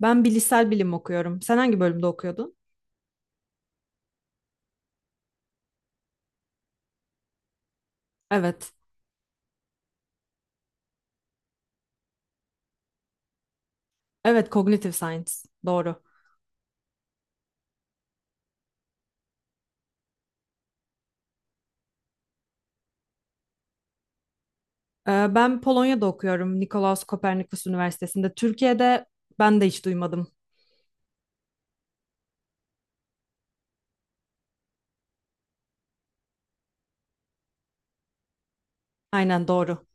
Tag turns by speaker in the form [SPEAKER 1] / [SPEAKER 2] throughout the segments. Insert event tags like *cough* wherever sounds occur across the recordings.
[SPEAKER 1] Ben bilişsel bilim okuyorum. Sen hangi bölümde okuyordun? Evet. Evet, Cognitive Science. Doğru. Ben Polonya'da okuyorum. Nikolaus Kopernikus Üniversitesi'nde. Türkiye'de ben de hiç duymadım. Aynen doğru.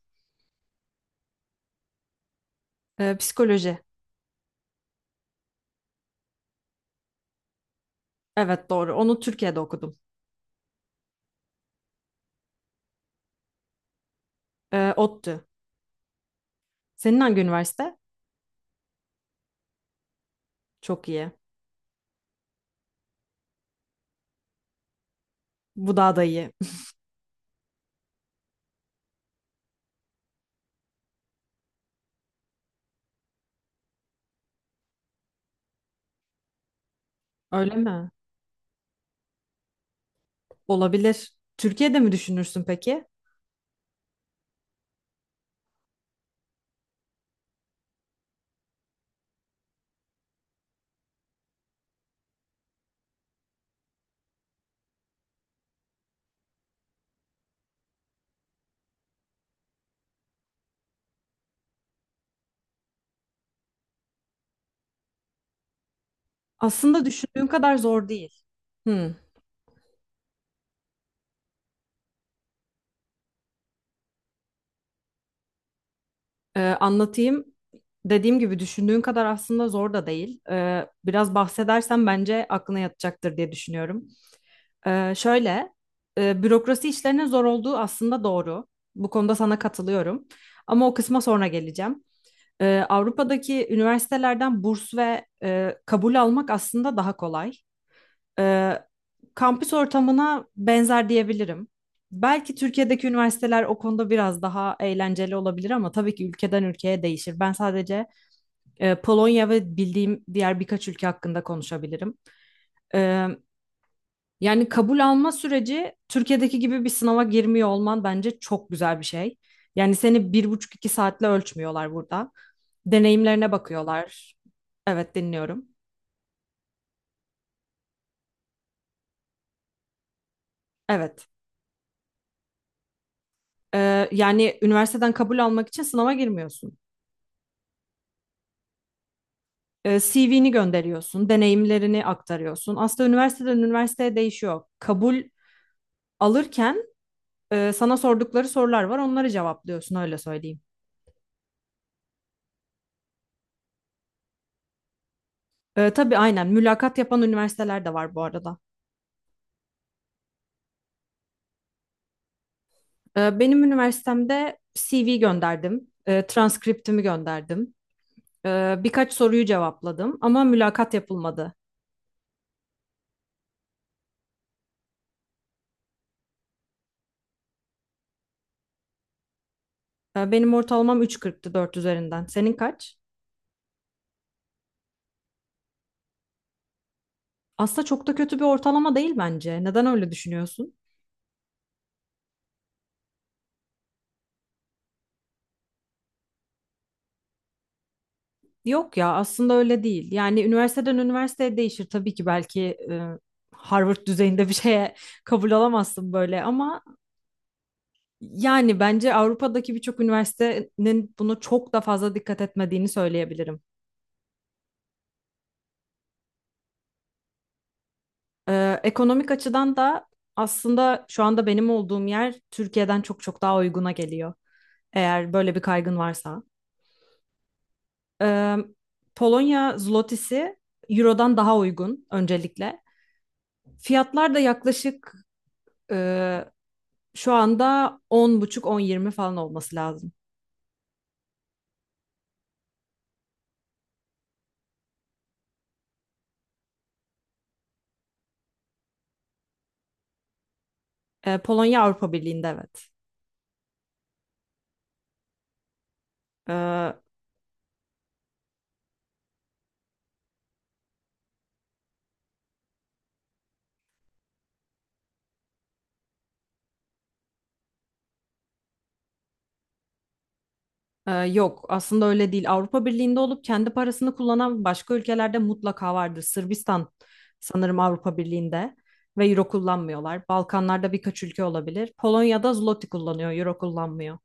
[SPEAKER 1] Psikoloji. Evet doğru. Onu Türkiye'de okudum. ODTÜ. Senin hangi üniversite? Çok iyi. Bu daha da iyi. *laughs* Öyle mi? Olabilir. Türkiye'de mi düşünürsün peki? Aslında düşündüğün kadar zor değil. Hmm. Anlatayım. Dediğim gibi düşündüğün kadar aslında zor da değil. Biraz bahsedersen bence aklına yatacaktır diye düşünüyorum. Şöyle, bürokrasi işlerinin zor olduğu aslında doğru. Bu konuda sana katılıyorum. Ama o kısma sonra geleceğim. Avrupa'daki üniversitelerden burs ve kabul almak aslında daha kolay. Ee, kampüs ortamına benzer diyebilirim. Belki Türkiye'deki üniversiteler o konuda biraz daha eğlenceli olabilir ama tabii ki ülkeden ülkeye değişir. Ben sadece Polonya ve bildiğim diğer birkaç ülke hakkında konuşabilirim. Yani kabul alma süreci Türkiye'deki gibi bir sınava girmiyor olman bence çok güzel bir şey. Yani seni bir buçuk iki saatle ölçmüyorlar burada. Deneyimlerine bakıyorlar. Evet, dinliyorum. Evet. Yani üniversiteden kabul almak için sınava girmiyorsun. CV'ni gönderiyorsun, deneyimlerini aktarıyorsun. Aslında üniversiteden üniversiteye değişiyor. Kabul alırken sana sordukları sorular var, onları cevaplıyorsun, öyle söyleyeyim. Tabii aynen mülakat yapan üniversiteler de var bu arada. Benim üniversitemde CV gönderdim, transkriptimi gönderdim, birkaç soruyu cevapladım ama mülakat yapılmadı. Benim ortalamam 3,40'tı, 4 üzerinden. Senin kaç? Aslında çok da kötü bir ortalama değil bence. Neden öyle düşünüyorsun? Yok ya, aslında öyle değil. Yani üniversiteden üniversiteye değişir tabii ki, belki e, Harvard düzeyinde bir şeye *laughs* kabul alamazsın böyle, ama yani bence Avrupa'daki birçok üniversitenin bunu çok da fazla dikkat etmediğini söyleyebilirim. Ekonomik açıdan da aslında şu anda benim olduğum yer Türkiye'den çok çok daha uyguna geliyor. Eğer böyle bir kaygın varsa. Ee, Polonya zlotisi Euro'dan daha uygun öncelikle. Fiyatlar da yaklaşık e, şu anda on buçuk, on yirmi falan olması lazım. Polonya Avrupa Birliği'nde, evet. Ee, yok aslında öyle değil. Avrupa Birliği'nde olup kendi parasını kullanan başka ülkelerde mutlaka vardır. Sırbistan sanırım Avrupa Birliği'nde ve euro kullanmıyorlar. Balkanlarda birkaç ülke olabilir. Polonya'da zloty kullanıyor, euro kullanmıyor.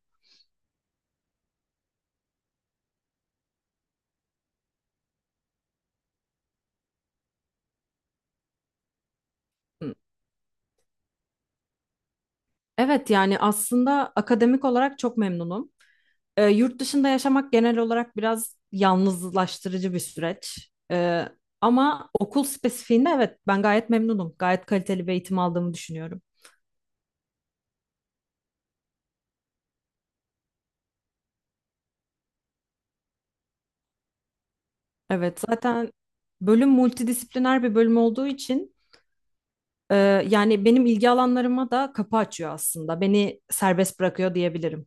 [SPEAKER 1] Hı. Evet, yani aslında akademik olarak çok memnunum. Yurt dışında yaşamak genel olarak biraz yalnızlaştırıcı bir süreç. Ama okul spesifiğinde, evet, ben gayet memnunum. Gayet kaliteli bir eğitim aldığımı düşünüyorum. Evet, zaten bölüm multidisipliner bir bölüm olduğu için e, yani benim ilgi alanlarıma da kapı açıyor aslında. Beni serbest bırakıyor diyebilirim.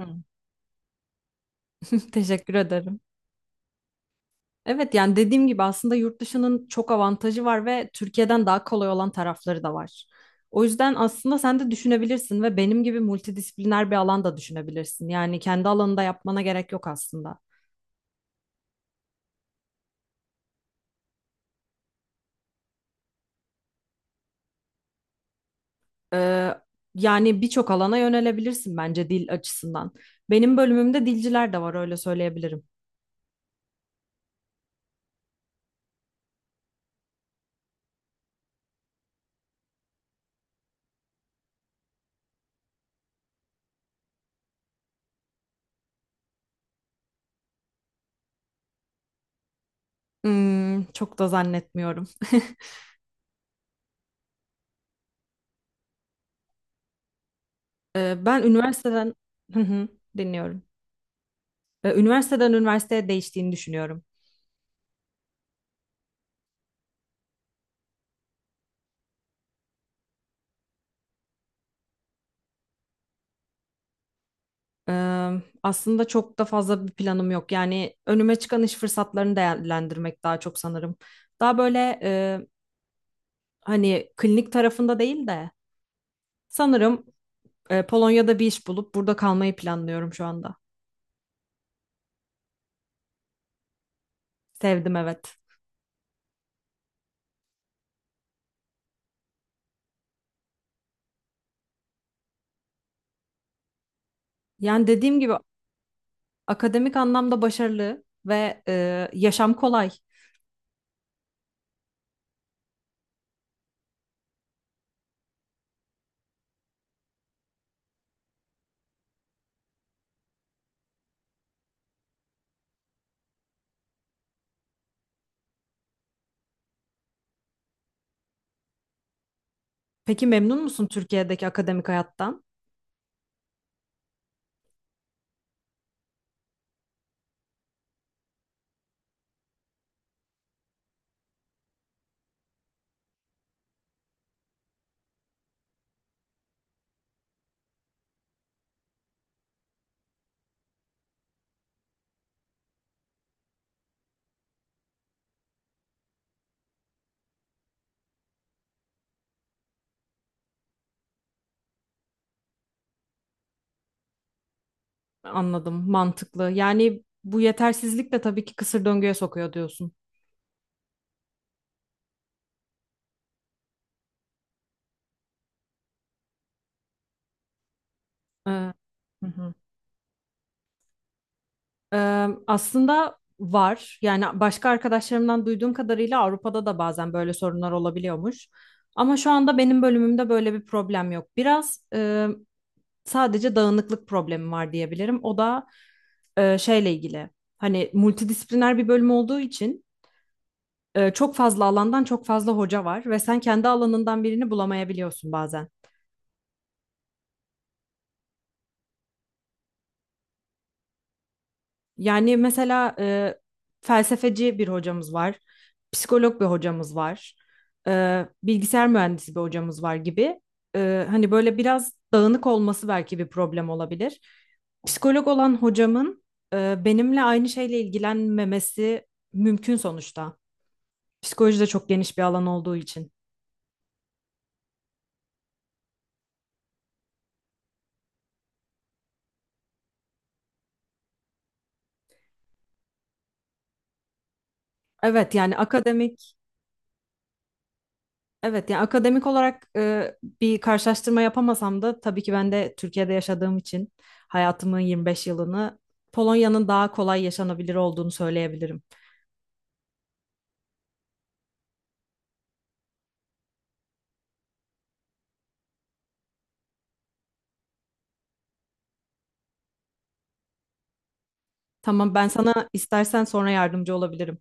[SPEAKER 1] Hı. *laughs* Teşekkür ederim. Evet, yani dediğim gibi aslında yurt dışının çok avantajı var ve Türkiye'den daha kolay olan tarafları da var. O yüzden aslında sen de düşünebilirsin ve benim gibi multidisipliner bir alan da düşünebilirsin. Yani kendi alanında yapmana gerek yok aslında. Ee, yani birçok alana yönelebilirsin bence dil açısından. Benim bölümümde dilciler de var, öyle söyleyebilirim. Hmm, çok da zannetmiyorum. Ben üniversiteden *laughs* Hı hı, dinliyorum. Ve üniversiteden üniversiteye değiştiğini düşünüyorum. Aslında çok da fazla bir planım yok. Yani önüme çıkan iş fırsatlarını değerlendirmek daha çok, sanırım. Daha böyle hani klinik tarafında değil de sanırım Polonya'da bir iş bulup burada kalmayı planlıyorum şu anda. Sevdim, evet. Yani dediğim gibi akademik anlamda başarılı ve yaşam kolay. Peki, memnun musun Türkiye'deki akademik hayattan? Anladım, mantıklı. Yani bu yetersizlik de tabii ki kısır döngüye sokuyor diyorsun. Ee, hı hı. Aslında var. Yani başka arkadaşlarımdan duyduğum kadarıyla Avrupa'da da bazen böyle sorunlar olabiliyormuş. Ama şu anda benim bölümümde böyle bir problem yok. Sadece dağınıklık problemi var diyebilirim. O da şeyle ilgili. Hani multidisipliner bir bölüm olduğu için çok fazla alandan çok fazla hoca var ve sen kendi alanından birini bulamayabiliyorsun bazen. Yani mesela felsefeci bir hocamız var, psikolog bir hocamız var, bilgisayar mühendisi bir hocamız var gibi. Hani böyle biraz dağınık olması belki bir problem olabilir. Psikolog olan hocamın benimle aynı şeyle ilgilenmemesi mümkün sonuçta. Psikoloji de çok geniş bir alan olduğu için. Evet yani akademik Evet, yani akademik olarak bir karşılaştırma yapamasam da tabii ki ben de Türkiye'de yaşadığım için, hayatımın 25 yılını, Polonya'nın daha kolay yaşanabilir olduğunu söyleyebilirim. Tamam, ben sana istersen sonra yardımcı olabilirim.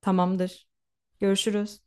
[SPEAKER 1] Tamamdır. Görüşürüz.